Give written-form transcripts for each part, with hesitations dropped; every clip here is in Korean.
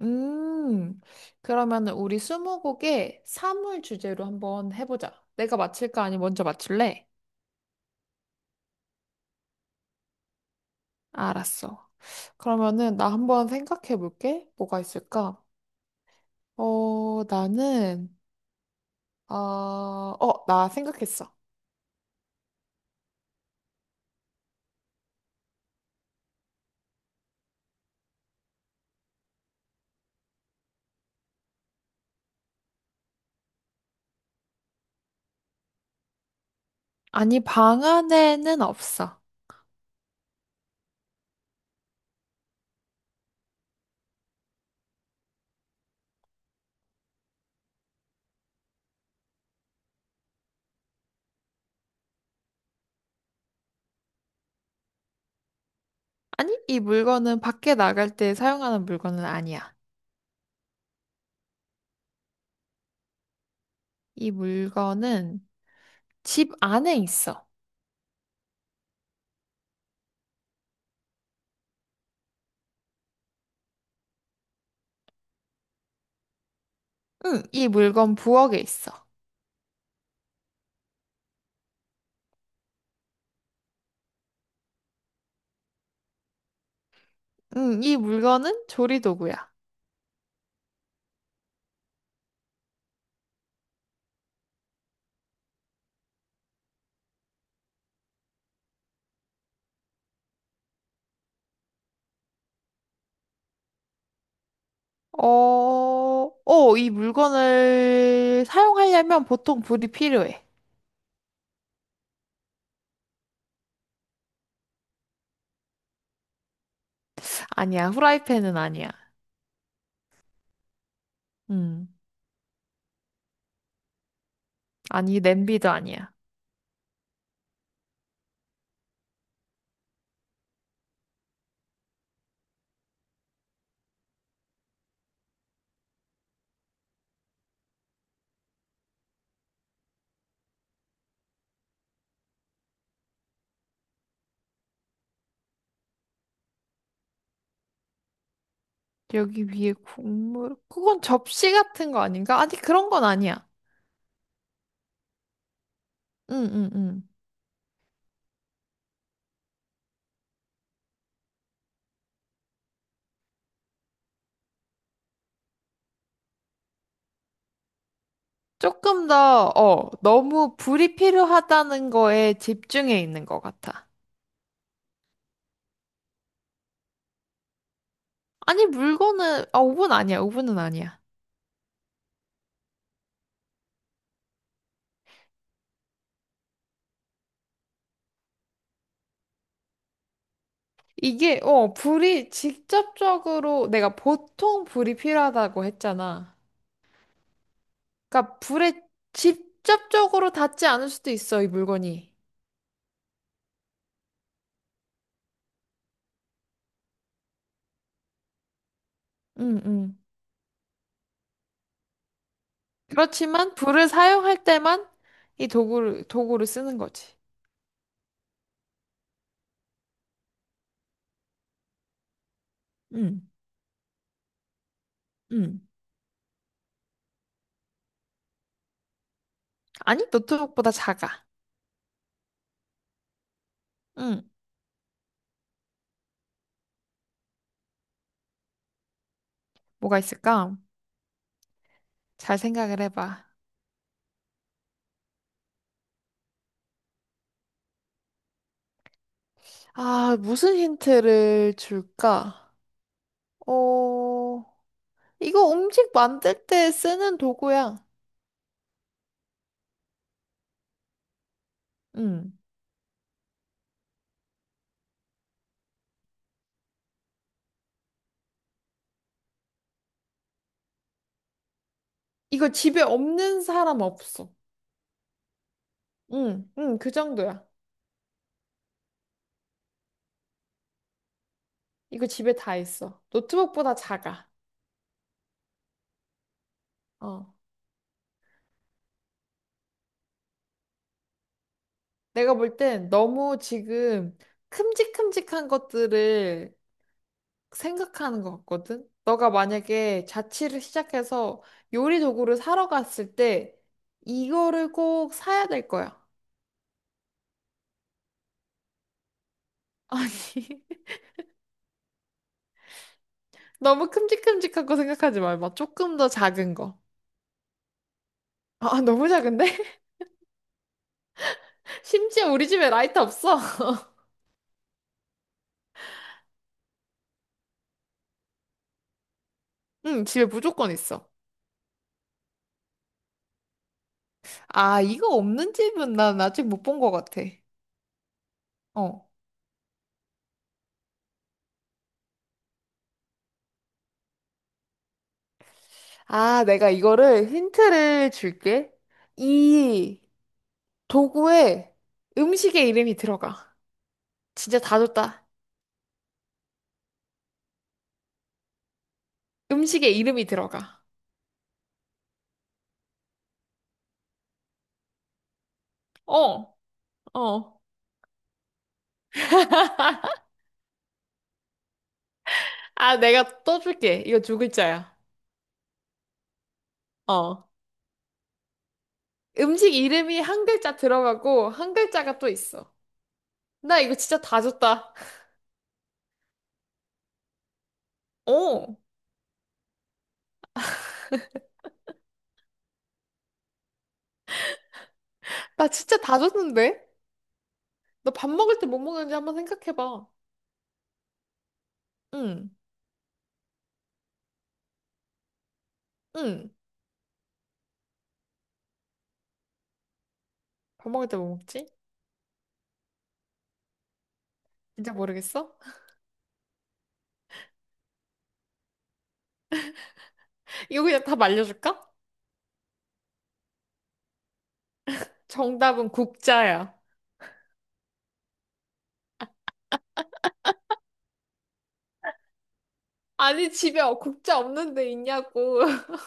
음, 그러면은 우리 스무고개 사물 주제로 한번 해보자. 내가 맞힐까? 아니, 먼저 맞출래? 알았어. 그러면은 나 한번 생각해 볼게. 뭐가 있을까? 어, 나는, 나 생각했어. 아니, 방 안에는 없어. 아니, 이 물건은 밖에 나갈 때 사용하는 물건은 아니야. 이 물건은 집 안에 있어. 응, 이 물건 부엌에 있어. 응, 이 물건은 조리도구야. 어, 이 물건을 사용하려면 보통 불이 필요해. 아니야, 후라이팬은 아니야. 음, 아니, 냄비도 아니야. 여기 위에 국물, 그건 접시 같은 거 아닌가? 아니, 그런 건 아니야. 응, 응, 응. 조금 더, 너무 불이 필요하다는 거에 집중해 있는 것 같아. 아니, 물건은, 오븐 아니야, 오븐은 아니야. 이게, 불이 직접적으로, 내가 보통 불이 필요하다고 했잖아. 그러니까 불에 직접적으로 닿지 않을 수도 있어, 이 물건이. 응, 응. 그렇지만 불을 사용할 때만 이 도구를, 도구를 쓰는 거지. 응, 응. 아니, 노트북보다 작아. 응. 뭐가 있을까? 잘 생각을 해봐. 아, 무슨 힌트를 줄까? 어, 이거 음식 만들 때 쓰는 도구야. 응. 이거 집에 없는 사람 없어. 응, 응, 그 정도야. 이거 집에 다 있어. 노트북보다 작아. 어. 내가 볼 땐 너무 지금 큼직큼직한 것들을 생각하는 것 같거든? 너가 만약에 자취를 시작해서 요리 도구를 사러 갔을 때 이거를 꼭 사야 될 거야. 아니, 너무 큼직큼직한 거 생각하지 말고 조금 더 작은 거. 아, 너무 작은데? 심지어 우리 집에 라이터 없어. 응, 집에 무조건 있어. 아, 이거 없는 집은 난 아직 못 본 것 같아. 어. 아, 내가 이거를 힌트를 줄게. 이 도구에 음식의 이름이 들어가. 진짜 다 줬다. 음식의 이름이 들어가. 어, 어. 아, 내가 또 줄게. 이거 두 글자야. 어. 음식 이름이 한 글자 들어가고 한 글자가 또 있어. 나 이거 진짜 다 줬다. 어. 나 진짜 다 줬는데? 너 밥 먹을 때 뭐 먹는지 한번 생각해봐. 응, 응. 밥 먹을 때 뭐 먹지? 진짜 모르겠어? 이거 그냥 다 말려줄까? 정답은 국자야. 아니, 집에 국자 없는데 있냐고.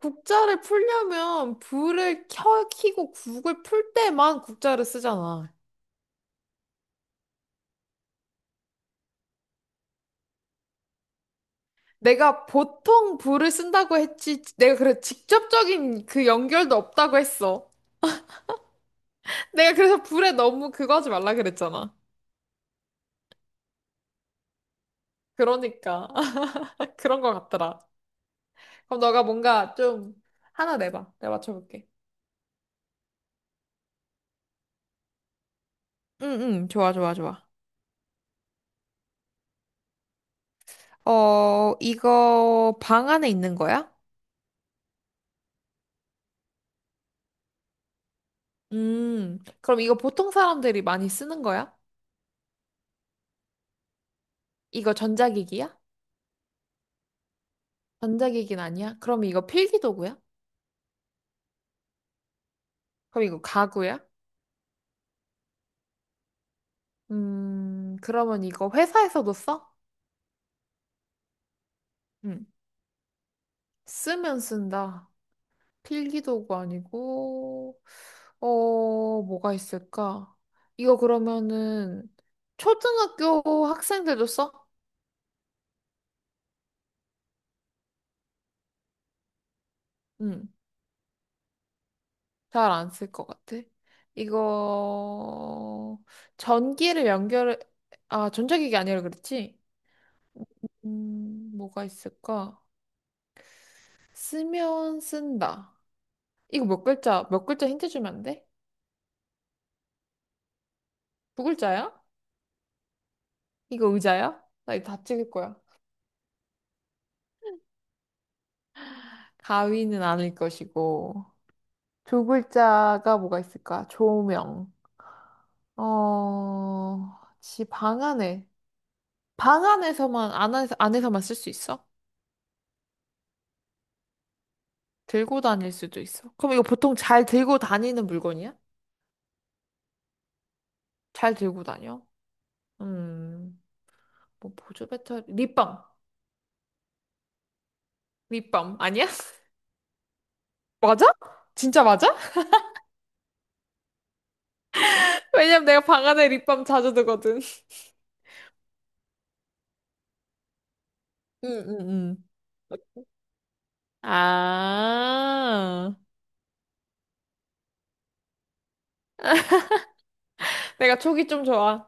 국자를 풀려면 불을 켜, 켜고 국을 풀 때만 국자를 쓰잖아. 내가 보통 불을 쓴다고 했지, 내가 그래, 직접적인 그 연결도 없다고 했어. 내가 그래서 불에 너무 그거 하지 말라 그랬잖아. 그러니까. 그런 것 같더라. 그럼 너가 뭔가 좀 하나 내봐. 내가 맞춰볼게. 응, 응, 좋아, 좋아, 좋아. 어, 이거 방 안에 있는 거야? 그럼 이거 보통 사람들이 많이 쓰는 거야? 이거 전자기기야? 전자기기는 아니야? 그럼 이거 필기도구야? 그럼 이거 가구야? 그러면 이거 회사에서도 써? 음, 쓰면 쓴다. 필기도구 아니고, 어, 뭐가 있을까? 이거 그러면은 초등학교 학생들도 써? 음, 잘 안 쓸 것 같아. 이거 전기를 연결, 아, 전자기기 아니라 그랬지? 뭐가 있을까? 쓰면 쓴다. 이거 몇 글자, 몇 글자 힌트 주면 안 돼? 두 글자야? 이거 의자야? 나 이거 다 찍을 거야. 가위는 아닐 것이고. 두 글자가 뭐가 있을까? 조명. 어, 지 방 안에. 안에서만 쓸 수 있어? 들고 다닐 수도 있어. 그럼 이거 보통 잘 들고 다니는 물건이야? 잘 들고 다녀? 음, 뭐 보조 배터리, 립밤. 립밤 아니야? 맞아? 진짜 맞아? 왜냐면 내가 방 안에 립밤 자주 두거든. 응, 응, 응. 아, 내가 촉이 좀 좋아.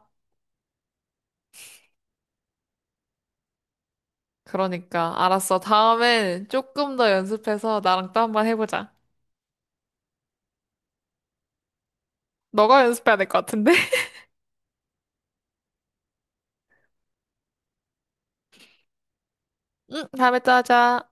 그러니까, 알았어. 다음엔 조금 더 연습해서 나랑 또 한번 해보자. 너가 연습해야 될 것 같은데? 응, 다음에 또 하자.